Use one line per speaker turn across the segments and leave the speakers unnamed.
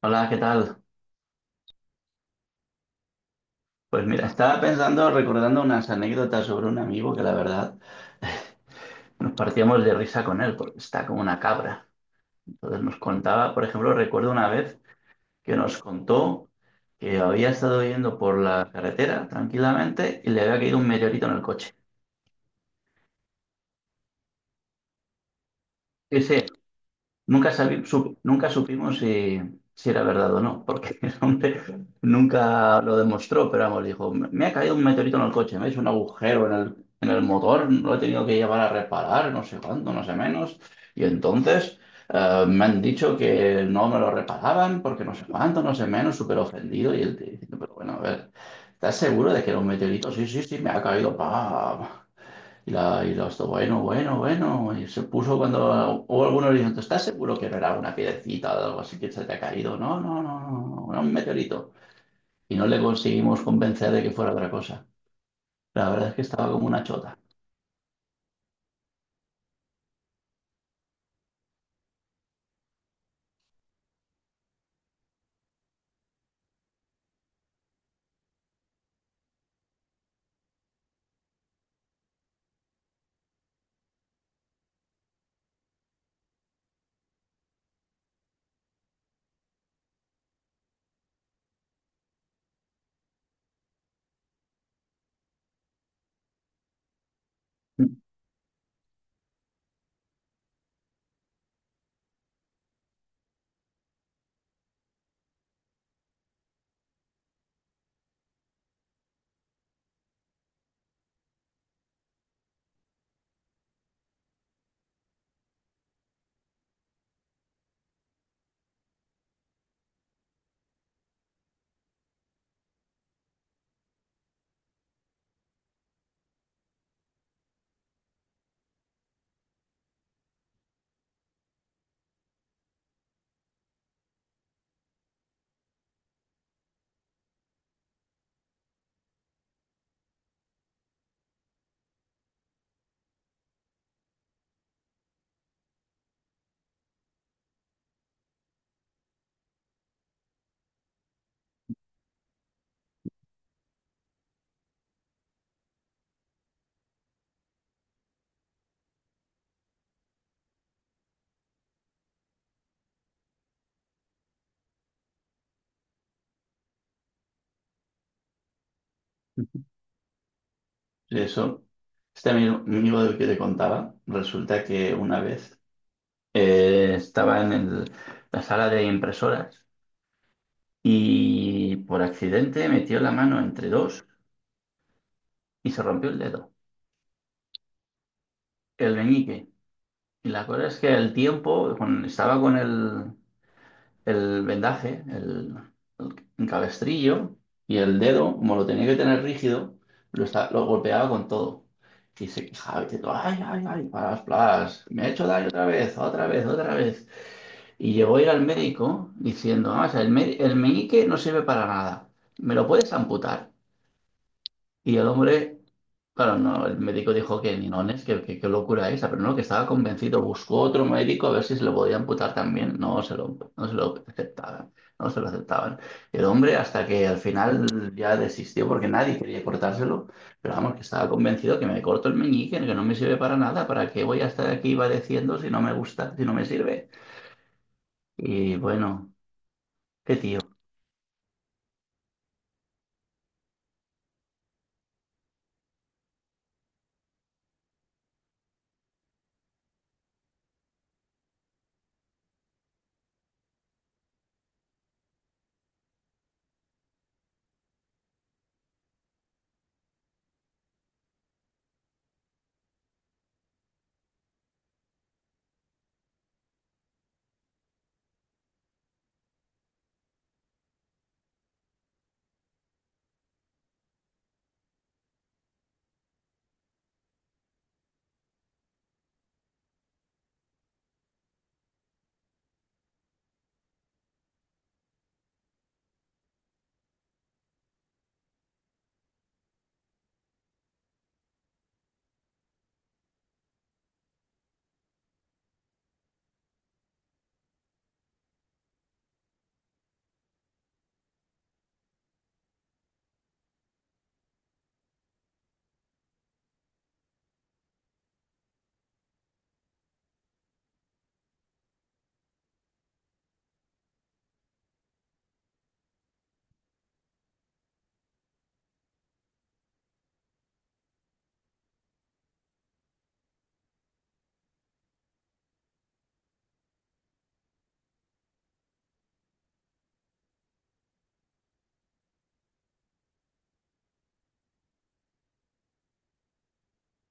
Hola, ¿qué tal? Pues mira, estaba pensando, recordando unas anécdotas sobre un amigo que la verdad nos partíamos de risa con él, porque está como una cabra. Entonces nos contaba, por ejemplo, recuerdo una vez que nos contó que había estado yendo por la carretera tranquilamente y le había caído un meteorito en el coche. Sí, sí. Nunca, nunca supimos si, si era verdad o no, porque el hombre nunca lo demostró, pero vamos, dijo, me ha caído un meteorito en el coche, me ha hecho un agujero en el motor, lo he tenido que llevar a reparar, no sé cuánto, no sé menos, y entonces me han dicho que no me lo reparaban porque no sé cuánto, no sé menos, súper ofendido, y él te dice, pero bueno, a ver, ¿estás seguro de que era un meteorito? Sí, sí, sí, me ha caído, pa. Y la, y los, dos, bueno, bueno, bueno. Y se puso cuando, o algunos le dijeron, ¿tú estás seguro que no era una piedrecita o algo así que se te ha caído? No, no, no, no, no, no, era un meteorito. Y no le conseguimos convencer de que fuera otra cosa. La verdad es que estaba como una chota. Y eso, este amigo, amigo del que te contaba, resulta que una vez estaba en la sala de impresoras y por accidente metió la mano entre dos y se rompió el dedo, el meñique. Y la cosa es que el tiempo, cuando estaba con el vendaje, el cabestrillo y el dedo, como lo tenía que tener rígido, lo, lo golpeaba con todo. Y se quejaba diciendo, ay, ay, ay, plas, plas, me ha hecho daño otra vez, otra vez, otra vez. Y llegó a ir al médico diciendo: "Ah, o sea, el, el meñique no sirve para nada, ¿me lo puedes amputar?". Y el hombre, claro, no, el médico dijo que ninones, qué locura esa, pero no, que estaba convencido, buscó otro médico a ver si se lo podía amputar también, no se lo aceptaban, no se lo aceptaban. El hombre, hasta que al final ya desistió porque nadie quería cortárselo, pero vamos, que estaba convencido que me corto el meñique, que no me sirve para nada, ¿para qué voy a estar aquí padeciendo si no me gusta, si no me sirve? Y bueno, qué tío.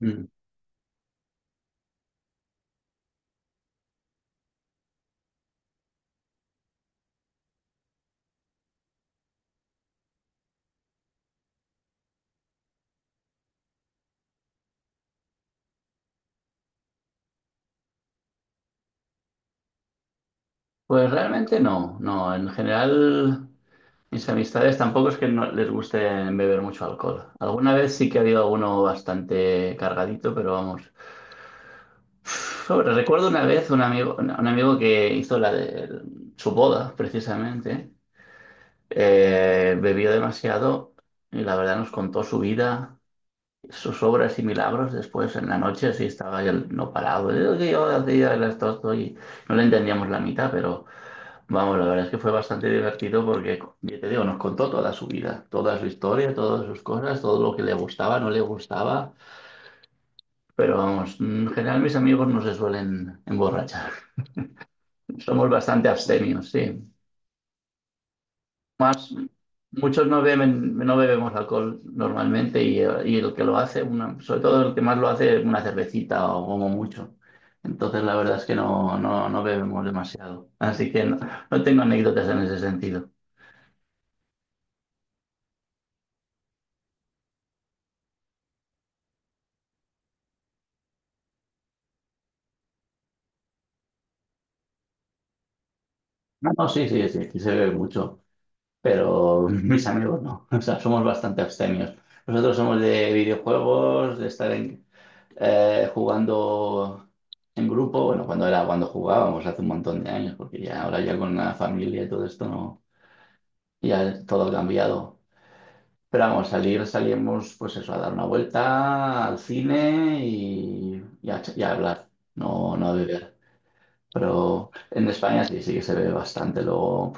Mm. Pues realmente no, no, en general... Mis amistades tampoco es que no les guste beber mucho alcohol. Alguna vez sí que ha habido alguno bastante cargadito, pero vamos. Recuerdo una vez un amigo que hizo la de su boda, precisamente. Bebió demasiado y la verdad nos contó su vida, sus obras y milagros. Después en la noche sí estaba él no parado. Yo hacía el esto, esto, y no le entendíamos la mitad, pero. Vamos, la verdad es que fue bastante divertido porque, ya te digo, nos contó toda su vida, toda su historia, todas sus cosas, todo lo que le gustaba, no le gustaba. Pero vamos, en general mis amigos no se suelen emborrachar. Somos bastante abstemios, sí. Más, muchos no beben, no bebemos alcohol normalmente y el que lo hace, una, sobre todo el que más lo hace, una cervecita o como mucho. Entonces la verdad es que no, no, no bebemos demasiado. Así que no, no tengo anécdotas en ese sentido. No, no, sí, sí, sí, aquí se bebe mucho, pero mis amigos no. O sea, somos bastante abstemios. Nosotros somos de videojuegos, de estar jugando en grupo. Bueno, cuando era cuando jugábamos hace un montón de años, porque ya ahora ya con la familia y todo esto no, ya todo ha cambiado. Pero vamos, salir, salíamos pues eso, a dar una vuelta al cine y a hablar, no, no a beber. Pero en España sí, sí que se bebe bastante. Luego,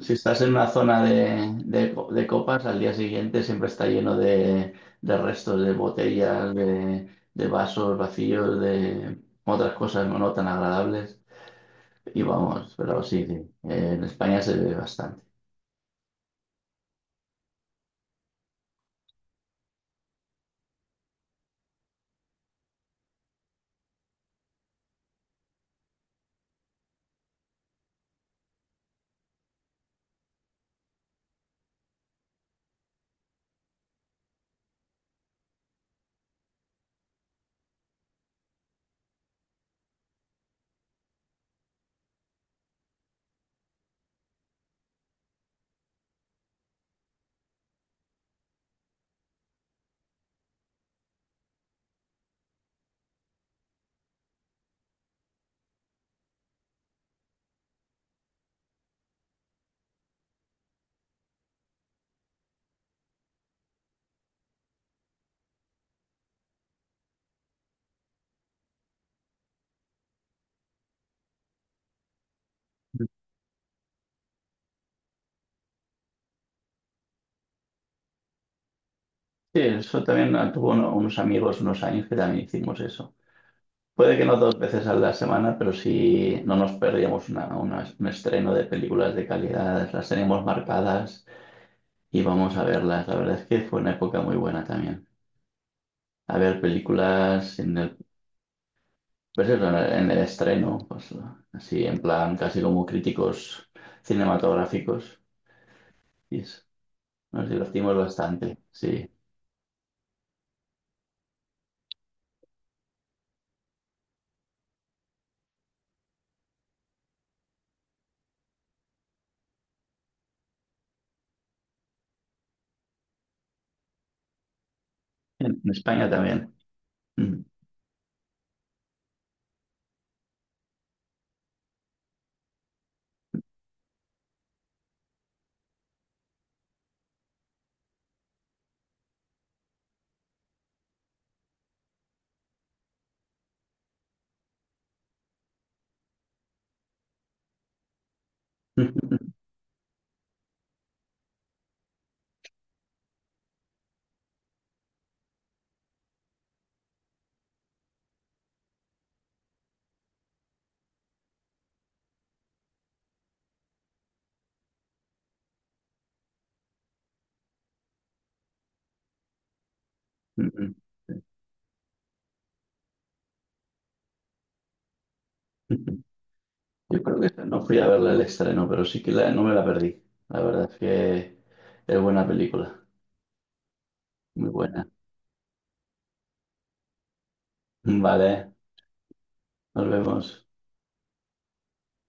si estás en una zona de, de copas, al día siguiente siempre está lleno de restos de botellas, de vasos vacíos, de otras cosas no, no tan agradables. Y vamos, pero sí, sí, en España se ve bastante. Sí, eso también, unos amigos unos años que también hicimos eso. Puede que no dos veces a la semana, pero sí no nos perdíamos una, un estreno de películas de calidad, las tenemos marcadas y vamos a verlas. La verdad es que fue una época muy buena también. A ver películas en el, pues eso, en el estreno, pues así en plan casi como críticos cinematográficos. Y nos divertimos bastante, sí. En España también. Mm. Yo creo que esta no fui a verla el estreno, pero sí que no me la perdí. La verdad es que es buena película, muy buena. Vale, nos vemos.